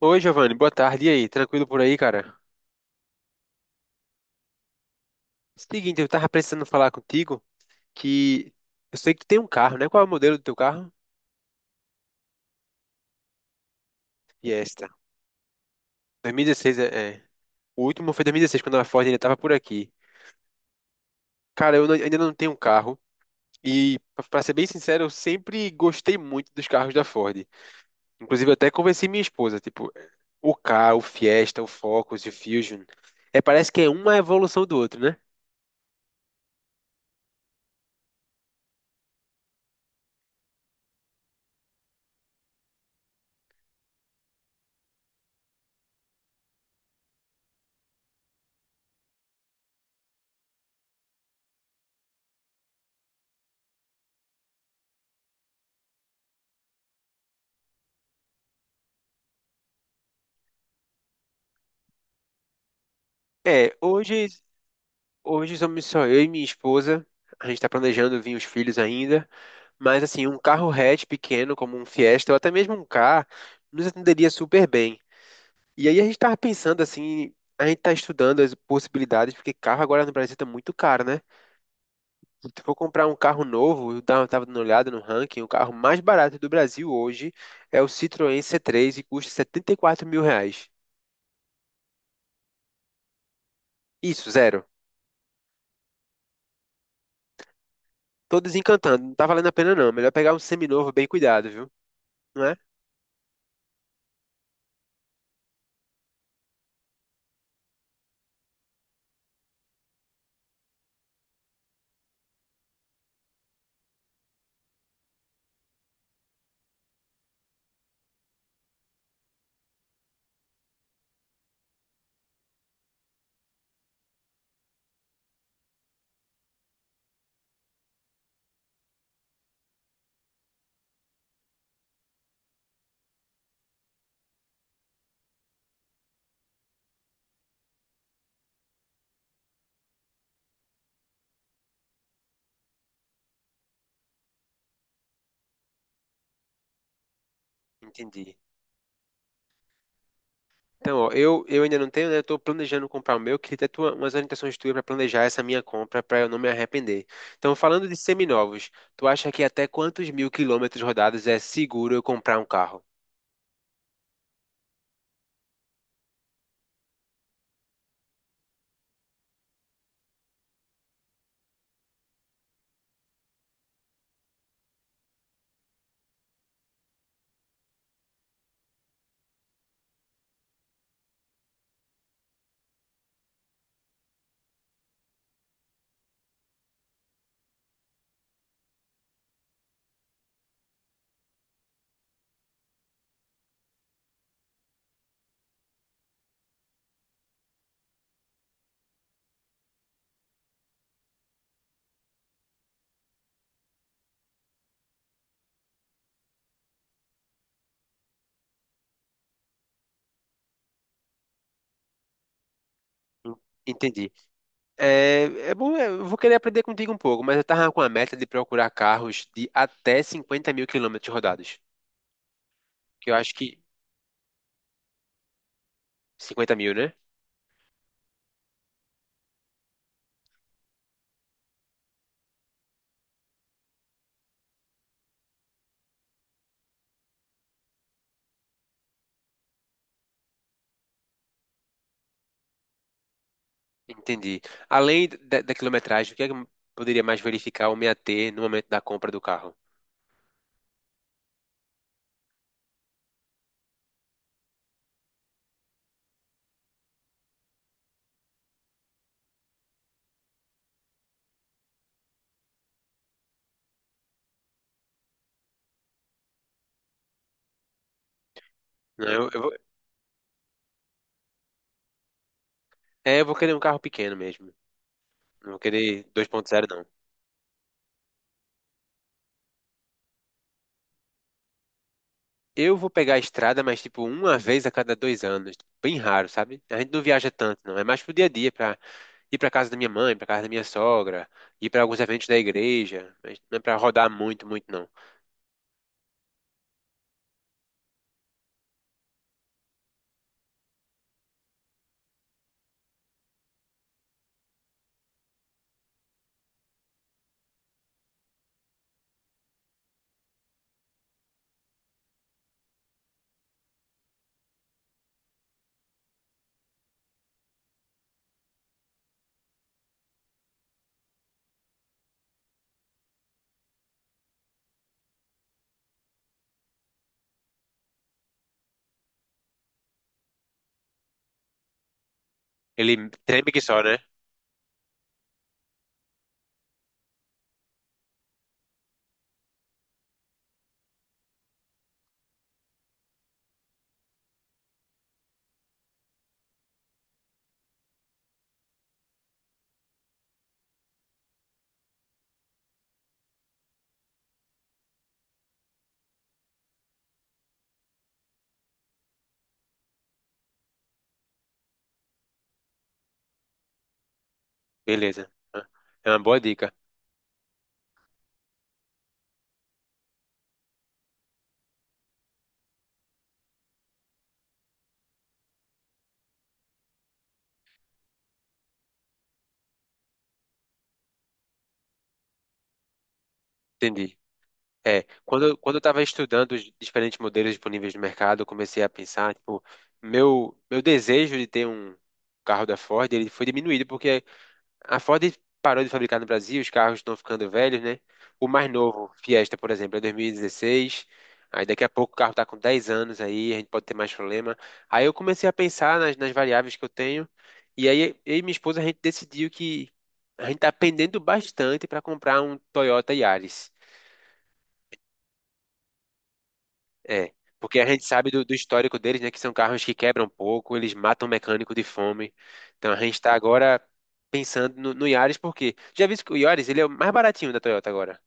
Oi, Giovanni, boa tarde. E aí, tranquilo por aí, cara? Seguinte, eu tava precisando falar contigo que eu sei que tu tem um carro, né? Qual é o modelo do teu carro? Fiesta. 2016, é, é. O último foi 2016, quando a Ford ainda tava por aqui. Cara, eu não- ainda não tenho um carro. E, pra ser bem sincero, eu sempre gostei muito dos carros da Ford. Inclusive, eu até convenci minha esposa, tipo, o Ka, o Fiesta, o Focus e o Fusion. É, parece que é uma evolução do outro, né? É, hoje. Hoje somos só eu e minha esposa. A gente está planejando vir os filhos ainda, mas assim, um carro hatch pequeno, como um Fiesta, ou até mesmo um Ka, nos atenderia super bem. E aí a gente estava pensando assim, a gente está estudando as possibilidades, porque carro agora no Brasil está muito caro, né? Se tu for comprar um carro novo, eu tava dando uma olhada no ranking, o carro mais barato do Brasil hoje é o Citroën C3 e custa R$ 74.000. Isso, zero. Tô desencantando, não tá valendo a pena não. Melhor pegar um seminovo bem cuidado, viu? Não é? Entendi. Então, ó, eu ainda não tenho, né? Eu tô planejando comprar o meu, queria ter tua, umas orientações tuas para planejar essa minha compra, para eu não me arrepender. Então, falando de seminovos, tu acha que até quantos mil quilômetros rodados é seguro eu comprar um carro? En- Entendi. É, é bom, é, eu vou querer aprender contigo um pouco, mas eu tava com a meta de procurar carros de até 50 mil quilômetros rodados, que eu acho que 50 mil, né? Entendi. Além da quilometragem, o que é que eu poderia mais verificar ou me ater no momento da compra do carro? Né, eu é, eu vou querer um carro pequeno mesmo. Não vou querer 2.0 não. Eu vou pegar a estrada, mas tipo uma vez a cada 2 anos. Bem raro, sabe? A gente não viaja tanto, não. É mais pro dia a dia, pra ir pra casa da minha mãe, pra casa da minha sogra, ir pra alguns eventos da igreja. Mas não é pra rodar muito, muito, não. Ele treme que só, né? Beleza. Ah, é uma boa dica. Entendi. É, quando, quando eu estava estudando os diferentes modelos disponíveis no mercado, eu comecei a pensar, tipo, meu desejo de ter um carro da Ford, ele foi diminuído, porque a Ford parou de fabricar no Brasil, os carros estão ficando velhos, né? O mais novo, Fiesta, por exemplo, é 2016. Aí daqui a pouco o carro está com 10 anos aí, a gente pode ter mais problema. Aí eu comecei a pensar nas variáveis que eu tenho. E aí eu e minha esposa a gente decidiu que a gente está pendendo bastante para comprar um Toyota Yaris. É, porque a gente sabe do histórico deles, né, que são carros que quebram pouco, eles matam mecânico de fome. Então a gente tá agora pensando no Yaris, porque já visto que o Yaris, ele é o mais baratinho da Toyota agora.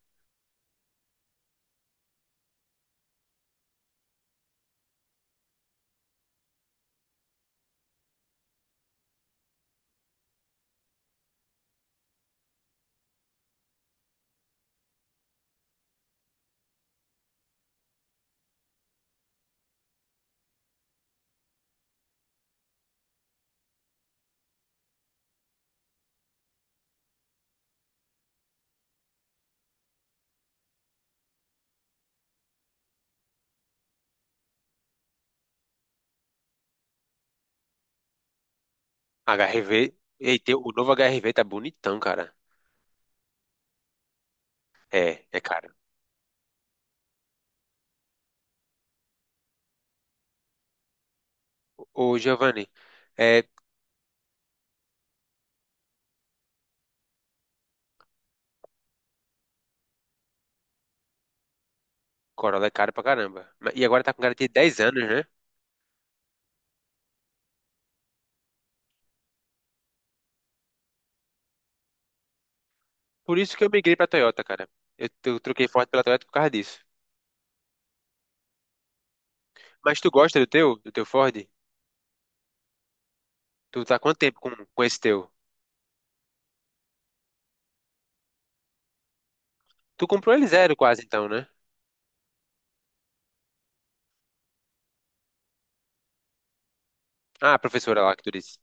HRV, e tem, o novo HRV tá bonitão, cara. É, é caro. Ô, Giovanni, é, Corolla é caro pra caramba. E agora tá com garantia de 10 anos, né? Por isso que eu migrei pra Toyota, cara. Eu troquei Ford pela Toyota por causa disso. Mas tu gosta do teu Ford? Tu tá há quanto tempo com esse teu? Tu comprou ele zero quase então, né? Ah, a professora lá que tu disse.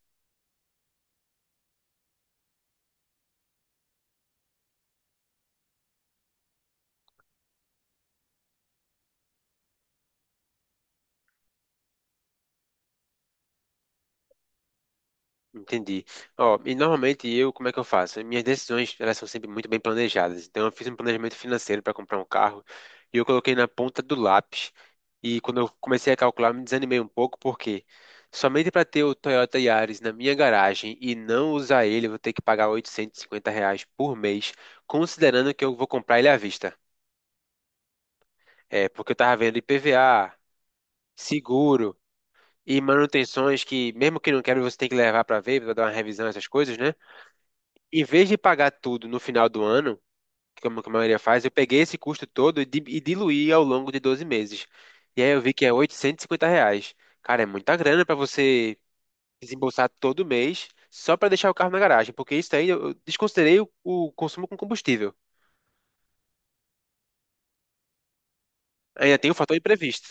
Entendi. Ó, e normalmente eu, como é que eu faço? Minhas decisões, elas são sempre muito bem planejadas. Então eu fiz um planejamento financeiro para comprar um carro e eu coloquei na ponta do lápis. E quando eu comecei a calcular, me desanimei um pouco porque somente para ter o Toyota Yaris na minha garagem e não usar ele, eu vou ter que pagar R$ 850 por mês, considerando que eu vou comprar ele à vista. É, porque eu tava vendo IPVA, seguro, e manutenções que, mesmo que não queira, você tem que levar para ver, para dar uma revisão, essas coisas, né? Em vez de pagar tudo no final do ano, como que a maioria faz, eu peguei esse custo todo e, e diluí ao longo de 12 meses. E aí eu vi que é R$ 850. Cara, é muita grana para você desembolsar todo mês só para deixar o carro na garagem, porque isso aí eu desconsiderei o consumo com combustível. Ainda tem o fator imprevisto.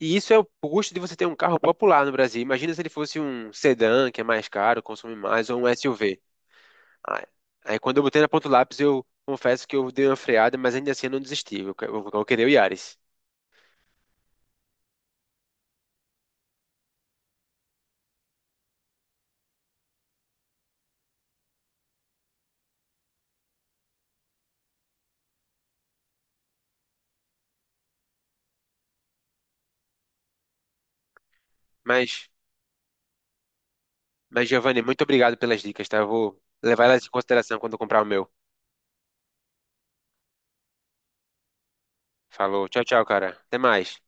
E isso é o custo de você ter um carro popular no Brasil. Imagina se ele fosse um sedã, que é mais caro, consome mais, ou um SUV. Aí, aí quando eu botei na ponta do lápis, eu confesso que eu dei uma freada, mas ainda assim eu não desisti. Eu, eu queria o Yaris. Mas, mas, Giovanni, muito obrigado pelas dicas, tá? Eu vou levar elas em consideração quando eu comprar o meu. Falou. Tchau, tchau, cara. Até mais.